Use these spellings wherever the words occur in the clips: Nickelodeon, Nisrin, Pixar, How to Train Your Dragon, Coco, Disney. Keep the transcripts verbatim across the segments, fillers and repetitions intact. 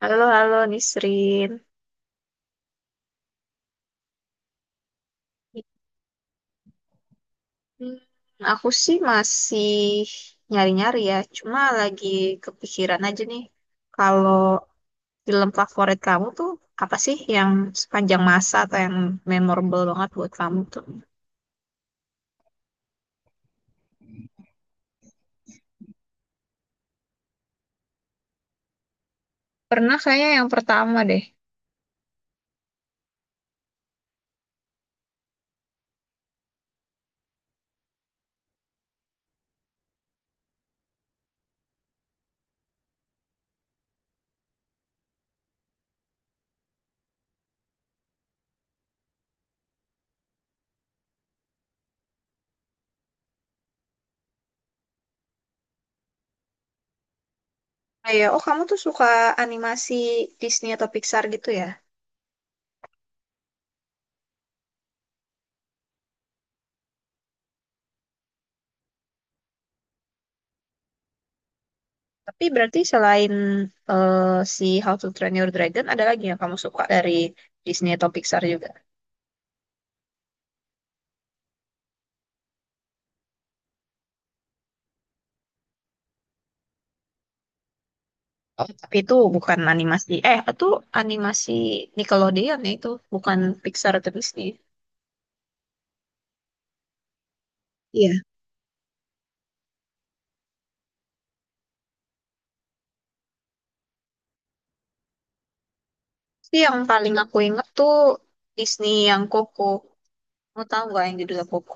Halo, halo Nisrin. Hmm, aku sih masih nyari-nyari ya, cuma lagi kepikiran aja nih. Kalau film favorit kamu tuh apa sih yang sepanjang masa atau yang memorable banget buat kamu tuh? Pernah kayaknya yang pertama deh. Ah, ya, oh kamu tuh suka animasi Disney atau Pixar gitu ya? Tapi berarti selain eh, si How to Train Your Dragon, ada lagi yang kamu suka dari Disney atau Pixar juga? Oh, tapi itu bukan animasi. Eh, itu animasi Nickelodeon ya itu. Bukan Pixar atau Disney. Iya. Tapi yang paling aku inget tuh Disney yang Coco. Mau tahu nggak yang judulnya Coco?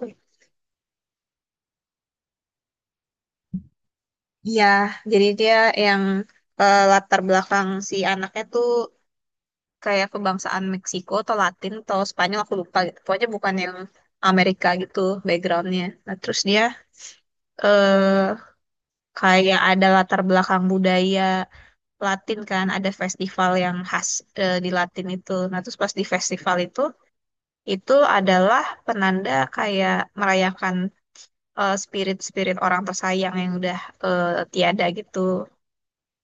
Iya, jadi dia yang eh, latar belakang si anaknya tuh kayak kebangsaan Meksiko atau Latin atau Spanyol aku lupa gitu. Pokoknya bukan yang Amerika gitu backgroundnya. Nah terus dia eh kayak ada latar belakang budaya Latin, kan ada festival yang khas eh, di Latin itu. Nah, terus pas di festival itu itu adalah penanda kayak merayakan eh, spirit-spirit orang tersayang yang udah eh, tiada gitu.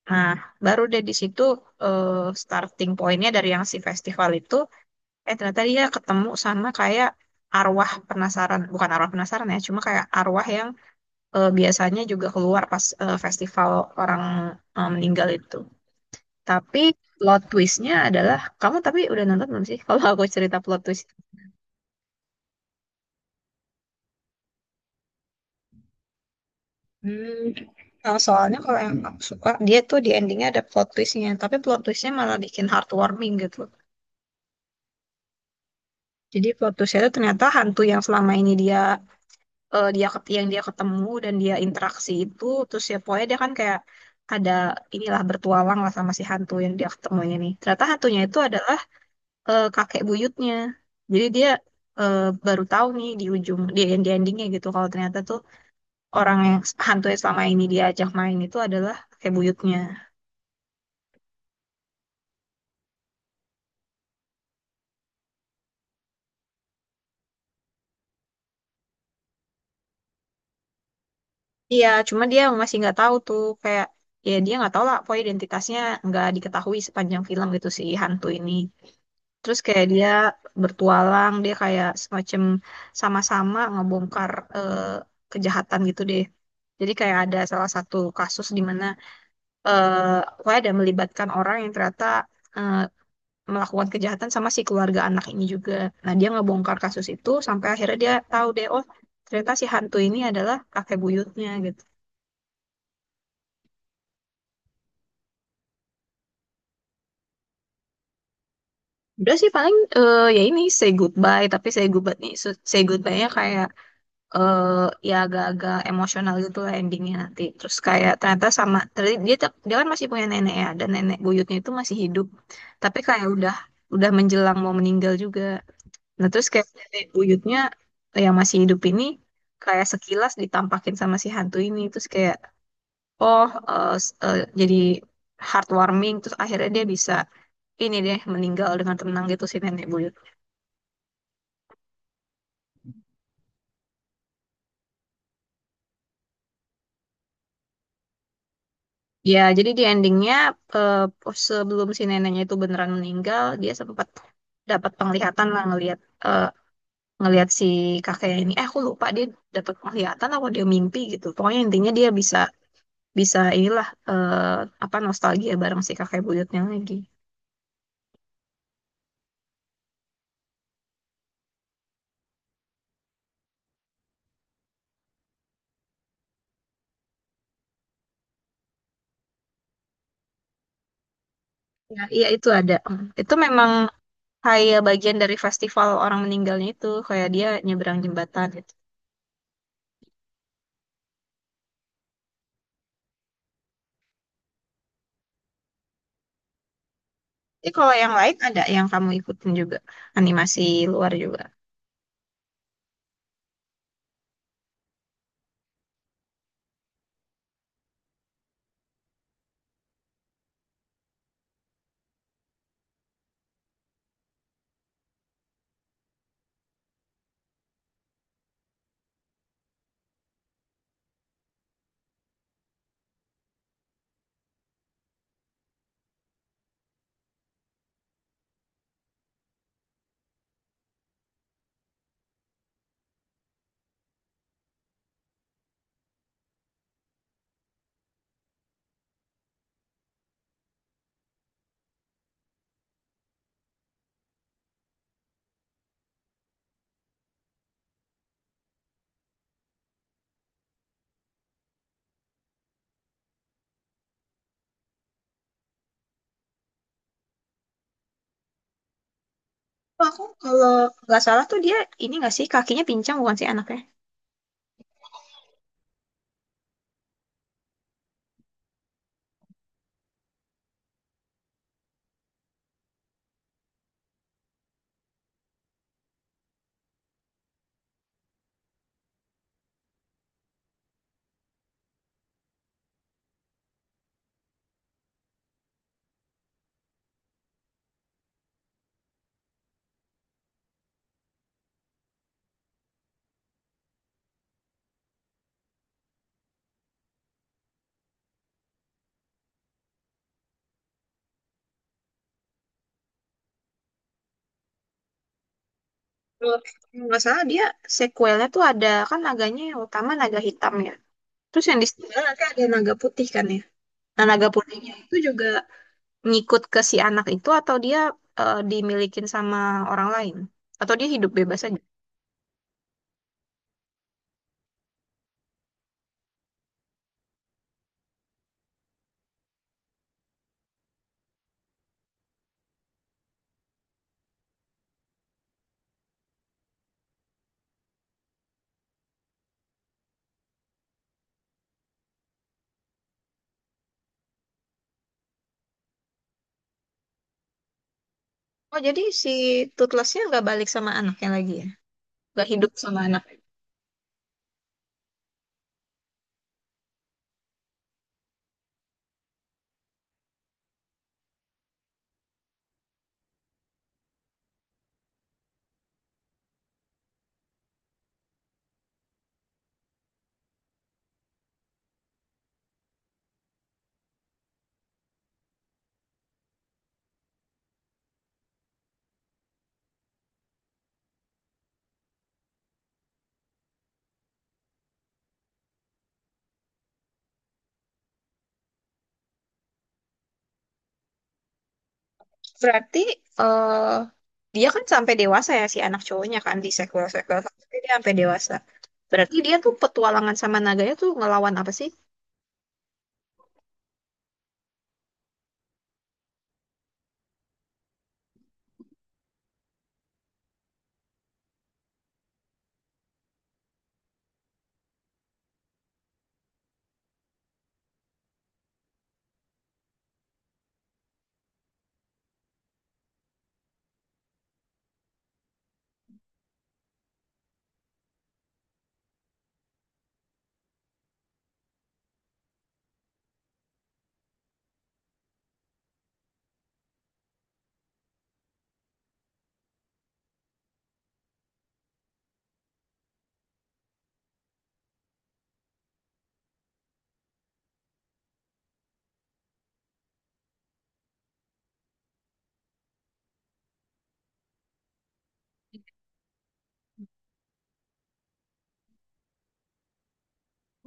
Nah, baru deh di situ eh, starting pointnya dari yang si festival itu, eh ternyata dia ketemu sama kayak arwah penasaran, bukan arwah penasaran ya, cuma kayak arwah yang eh, biasanya juga keluar pas eh, festival orang eh, meninggal itu. Tapi plot twistnya adalah, kamu tapi udah nonton belum sih? Kalau aku cerita plot twist. Hmm. Nah, soalnya kalau yang aku suka, dia tuh di endingnya ada plot twistnya, tapi plot twistnya malah bikin heartwarming gitu. Jadi plot twistnya itu ternyata hantu yang selama ini dia eh, dia ket- yang dia ketemu dan dia interaksi itu, terus ya pokoknya dia kan kayak ada inilah bertualang lah sama si hantu yang dia ketemu ini. nih. Ternyata hantunya itu adalah eh, kakek buyutnya. Jadi dia eh, baru tahu nih di ujung di di endingnya gitu kalau ternyata tuh orang yang hantu yang selama ini dia ajak main itu adalah kakek buyutnya. Iya, cuma dia masih nggak tahu tuh kayak ya dia nggak tahu lah pokoknya identitasnya nggak diketahui sepanjang film gitu si hantu ini. Terus kayak dia bertualang, dia kayak semacam sama-sama ngebongkar eh, kejahatan gitu deh. Jadi kayak ada salah satu kasus di mana eh pokoknya ada melibatkan orang yang ternyata eh, melakukan kejahatan sama si keluarga anak ini juga. Nah, dia ngebongkar kasus itu sampai akhirnya dia tahu deh, oh ternyata si hantu ini adalah kakek buyutnya gitu. Udah sih paling eh, ya ini say goodbye, tapi say goodbye nih, say goodbye-nya kayak eh, ya agak-agak emosional gitu lah endingnya nanti. Terus kayak ternyata sama ter- dia tetap- dia kan masih punya nenek ya, dan nenek buyutnya itu masih hidup. Tapi kayak udah udah menjelang mau meninggal juga. Nah, terus kayak nenek buyutnya yang masih hidup ini kayak sekilas ditampakin sama si hantu ini. Terus kayak, oh, eh, s- eh, jadi heartwarming. Terus akhirnya dia bisa ini deh, meninggal dengan tenang gitu si nenek buyut. Ya, jadi di endingnya eh, pos- sebelum si neneknya itu beneran meninggal, dia sempat dapat penglihatan lah, ngelihat eh, ngelihat si kakeknya ini. Eh, aku lupa dia dapat penglihatan atau dia mimpi gitu. Pokoknya intinya dia bisa bisa inilah eh, apa nostalgia bareng si kakek buyutnya lagi. Ya, iya itu ada. Hmm. Itu memang kayak bagian dari festival orang meninggalnya itu, kayak dia nyebrang jembatan gitu. Tapi kalau yang lain ada yang kamu ikutin juga, animasi luar juga. Oh, aku kalau nggak salah tuh dia ini, nggak sih, kakinya pincang bukan sih anaknya? Kalau nggak salah dia sequelnya tuh ada kan, naganya yang utama naga hitam ya. Terus yang di sebelah nanti ada naga putih kan ya. Nah, naga putihnya itu juga ngikut ke si anak itu atau dia eh, dimilikin sama orang lain? Atau dia hidup bebas aja? Oh, jadi si tutlesnya nggak balik sama anaknya lagi ya? Nggak hidup sama anak. Berarti eh dia kan sampai dewasa ya si anak cowoknya kan di sequel-sequel. Tapi dia sampai dewasa. Berarti dia tuh petualangan sama naganya tuh ngelawan apa sih?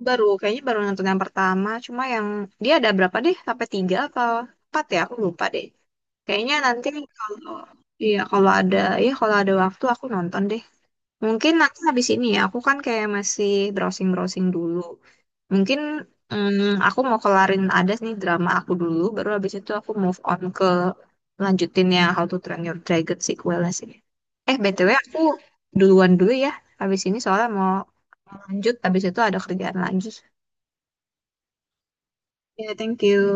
Baru, kayaknya baru nonton yang pertama. Cuma yang dia ada berapa deh? Sampai tiga apa empat ya? Aku lupa deh. Kayaknya nanti kalau iya, kalau ada, ya kalau ada waktu aku nonton deh. Mungkin nanti habis ini ya, aku kan kayak masih browsing-browsing dulu. Mungkin mm, aku mau kelarin ada nih drama aku dulu, baru habis itu aku move on ke lanjutin yang How to Train Your Dragon sequelnya sih. Eh B T W aku duluan dulu ya, habis ini soalnya mau lanjut, habis itu ada kerjaan lagi. Ya, thank you.